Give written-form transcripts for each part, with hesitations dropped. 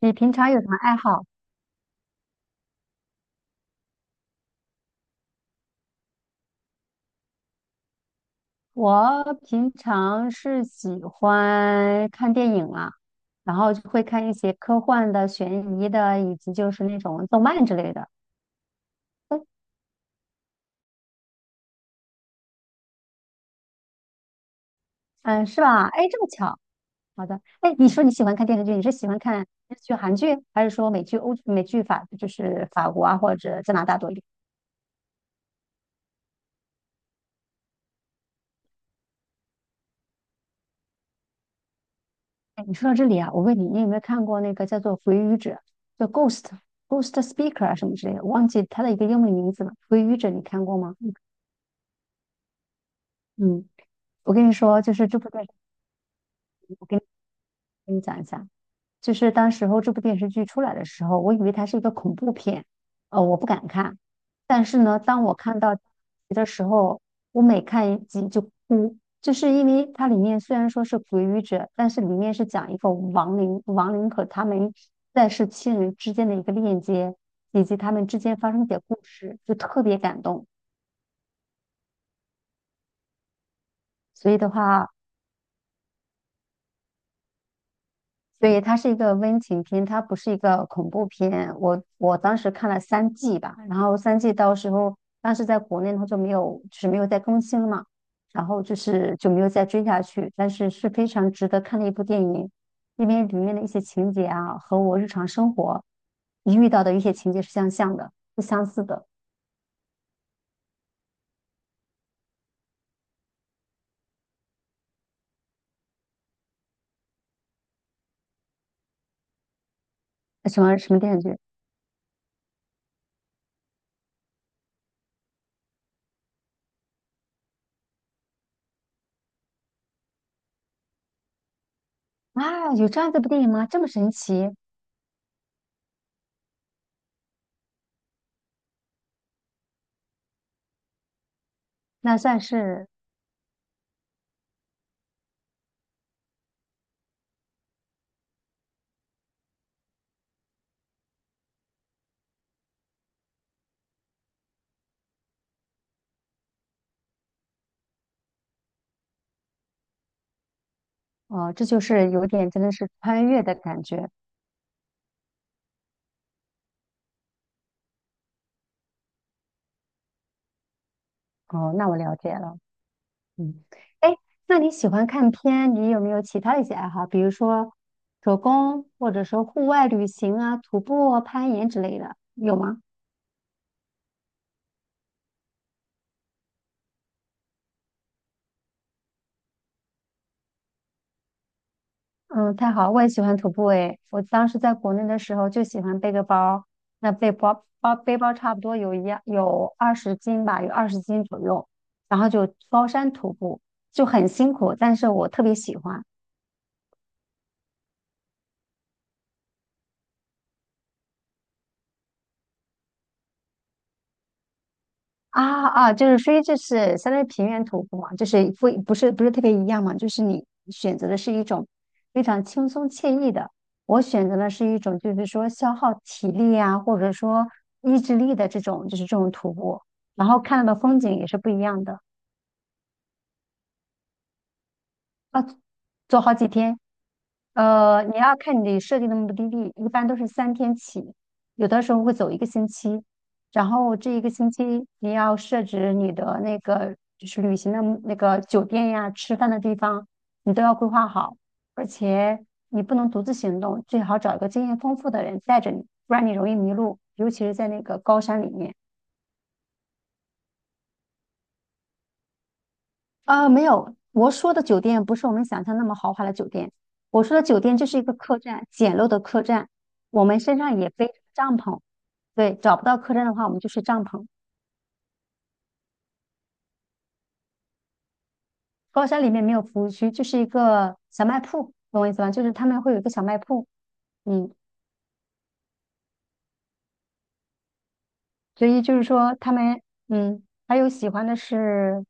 你平常有什么爱好？我平常是喜欢看电影啊，然后就会看一些科幻的、悬疑的，以及就是那种动漫之类的。嗯，是吧？哎，这么巧。好的。哎，你说你喜欢看电视剧，你是喜欢看日剧、韩剧，还是说美剧、欧美剧法，就是法国啊或者加拿大多一点？哎，你说到这里啊，我问你，你有没有看过那个叫做《回语者》叫 Ghost Speaker 啊什么之类的？忘记它的一个英文名字了，《回语者》你看过吗？嗯。我跟你说，就是这部电视，我跟你讲一下，就是当时候这部电视剧出来的时候，我以为它是一个恐怖片，我不敢看。但是呢，当我看到的时候，我每看一集就哭，就是因为它里面虽然说是鬼语者，但是里面是讲一个亡灵，亡灵和他们在世亲人之间的一个链接，以及他们之间发生的故事，就特别感动。所以的话，所以它是一个温情片，它不是一个恐怖片。我当时看了三季吧，然后三季到时候当时在国内它就没有，就是没有再更新了嘛，然后就是就没有再追下去。但是是非常值得看的一部电影，因为里面的一些情节啊，和我日常生活遇到的一些情节是相像的，是相似的。什么电视剧啊？有这样的部电影吗？这么神奇？那算是哦。这就是有点真的是穿越的感觉哦。那我了解了。嗯。哎，那你喜欢看片？你有没有其他的一些爱好？比如说手工，或者说户外旅行啊、徒步啊攀岩之类的，有吗？嗯，太好了，我也喜欢徒步诶。我当时在国内的时候就喜欢背个包，那背包差不多有一样有二十斤吧，有二十斤左右，然后就高山徒步，就很辛苦，但是我特别喜欢。啊啊，就是所以就是相当于平原徒步嘛，就是不是特别一样嘛，就是你选择的是一种非常轻松惬意的，我选择的是一种就是说消耗体力啊，或者说意志力的这种就是这种徒步，然后看到的风景也是不一样的，要走好几天。你要看你设定的目的地，一般都是3天起，有的时候会走一个星期，然后这一个星期你要设置你的那个就是旅行的目那个酒店呀、吃饭的地方，你都要规划好，而且你不能独自行动，最好找一个经验丰富的人带着你，不然你容易迷路，尤其是在那个高山里面。啊，没有，我说的酒店不是我们想象那么豪华的酒店。我说的酒店就是一个客栈，简陋的客栈。我们身上也背着帐篷，对，找不到客栈的话，我们就睡帐篷。高山里面没有服务区，就是一个小卖铺，懂我意思吧？就是他们会有一个小卖铺。嗯，所以就是说他们。嗯，还有喜欢的是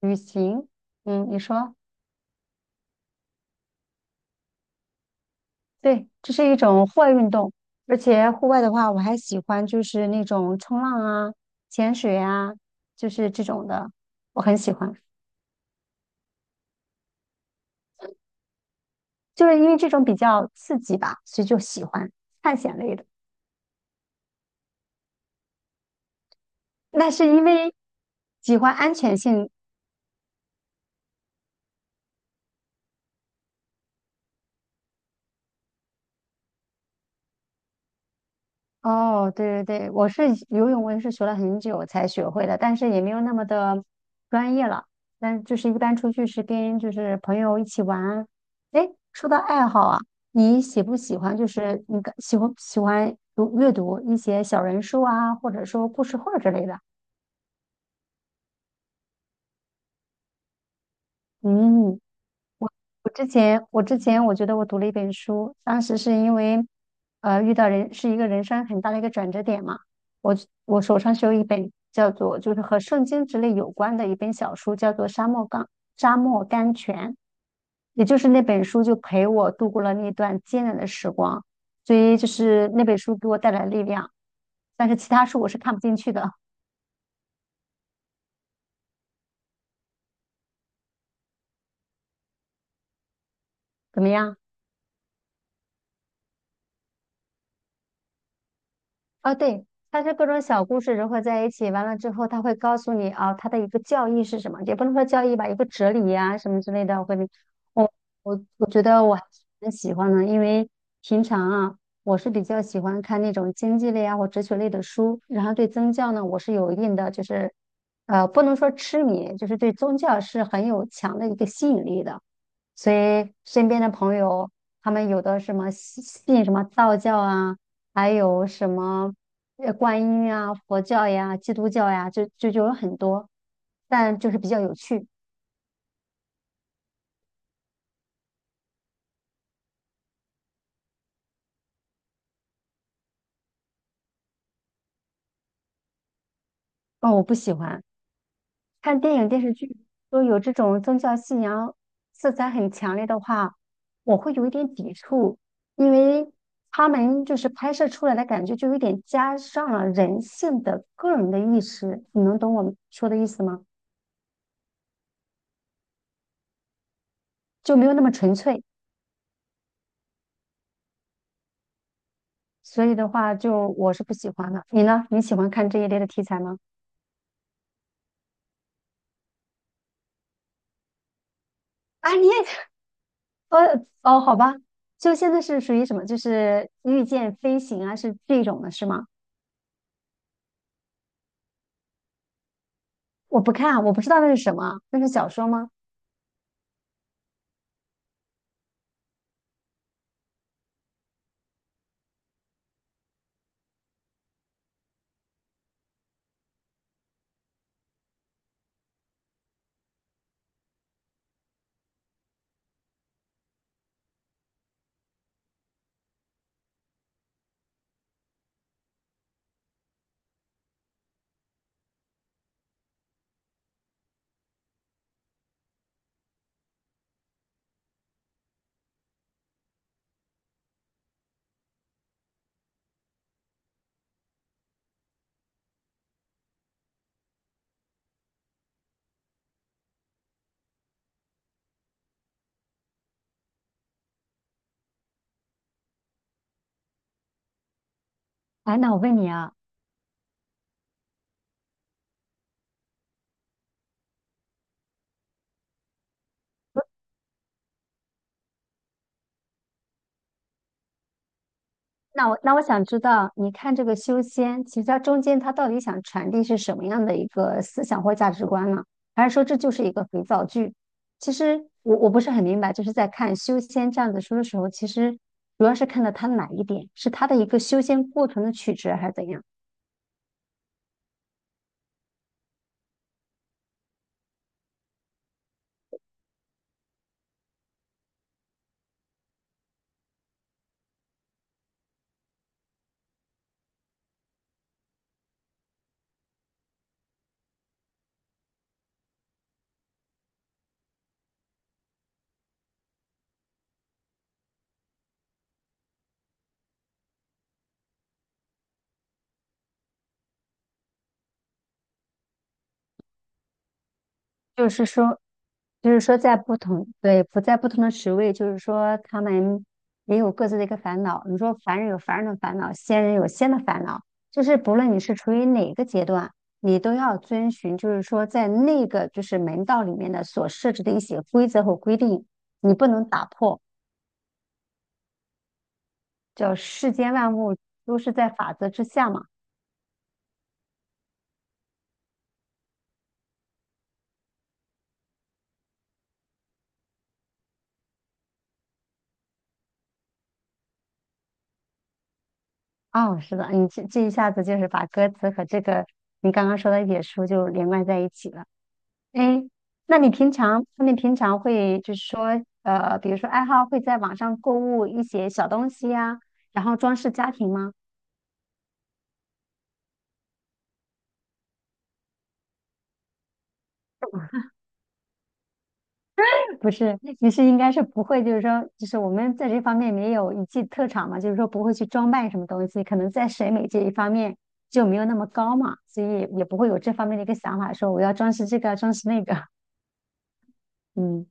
旅行。嗯，你说。对，这是一种户外运动，而且户外的话，我还喜欢就是那种冲浪啊、潜水啊，就是这种的，我很喜欢。就是因为这种比较刺激吧，所以就喜欢探险类的。那是因为喜欢安全性。哦，对对对，我是游泳，我也是学了很久才学会的，但是也没有那么的专业了。但就是一般出去是跟就是朋友一起玩。哎，说到爱好啊，你喜不喜欢就是你感喜欢读阅读一些小人书啊，或者说故事会儿之类的？嗯。我之前我觉得我读了一本书，当时是因为，遇到人是一个人生很大的一个转折点嘛。我我手上是有一本叫做就是和圣经之类有关的一本小书，叫做沙漠甘泉》，也就是那本书就陪我度过了那段艰难的时光，所以就是那本书给我带来力量。但是其他书我是看不进去的。怎么样？啊，对，它是各种小故事融合在一起，完了之后，它会告诉你啊，它的一个教义是什么，也不能说教义吧，一个哲理呀、什么之类的。我跟你，我我觉得我还是很喜欢的，因为平常啊，我是比较喜欢看那种经济类啊或哲学类的书，然后对宗教呢，我是有一定的就是，不能说痴迷，就是对宗教是很有强的一个吸引力的。所以身边的朋友，他们有的什么信什么道教啊，还有什么。观音呀、佛教呀、基督教呀，就有很多，但就是比较有趣。哦，我不喜欢看电影电视剧，都有这种宗教信仰色彩很强烈的话，我会有一点抵触，因为他们就是拍摄出来的感觉就有点加上了人性的个人的意识，你能懂我说的意思吗？就没有那么纯粹，所以的话就我是不喜欢的。你呢？你喜欢看这一类的题材吗？啊，你也哦，好吧，就现在是属于什么？就是御剑飞行啊，是这种的，是吗？我不看，我不知道那是什么，那是小说吗？哎，那我问你啊，那我想知道，你看这个修仙，其实它中间它到底想传递是什么样的一个思想或价值观呢？还是说这就是一个肥皂剧？其实我不是很明白，就是在看修仙这样子书的时候，其实主要是看到它哪一点，是它的一个修仙过程的曲折，还是怎样？就是说，就是说，在不同，对，不在不同的职位，就是说，他们也有各自的一个烦恼。你说凡人有凡人的烦恼，仙人有仙的烦恼，就是不论你是处于哪个阶段，你都要遵循，就是说，在那个就是门道里面的所设置的一些规则和规定，你不能打破。叫世间万物都是在法则之下嘛。哦，是的，你这一下子就是把歌词和这个你刚刚说的野书就连贯在一起了。哎，那你平常会就是说，比如说爱好会在网上购物一些小东西呀，然后装饰家庭吗？不是，你是应该是不会，就是说，就是我们在这方面没有一技特长嘛，就是说不会去装扮什么东西，可能在审美这一方面就没有那么高嘛，所以也不会有这方面的一个想法，说我要装饰这个，装饰那个。嗯，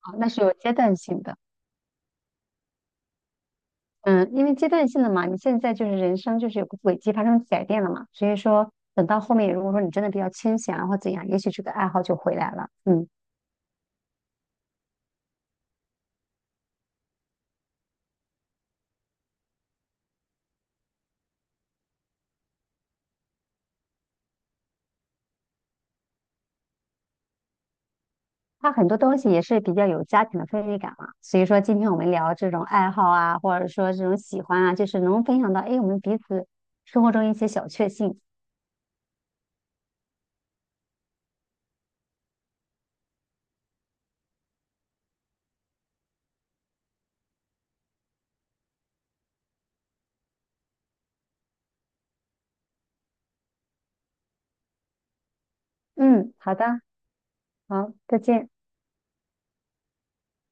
好，那是有阶段性的。嗯，因为阶段性的嘛，你现在就是人生就是有个轨迹发生改变了嘛，所以说等到后面，如果说你真的比较清闲啊或怎样，也许这个爱好就回来了。嗯，它很多东西也是比较有家庭的氛围感嘛，所以说今天我们聊这种爱好啊，或者说这种喜欢啊，就是能分享到，哎，我们彼此生活中一些小确幸。嗯，好的，好，再见。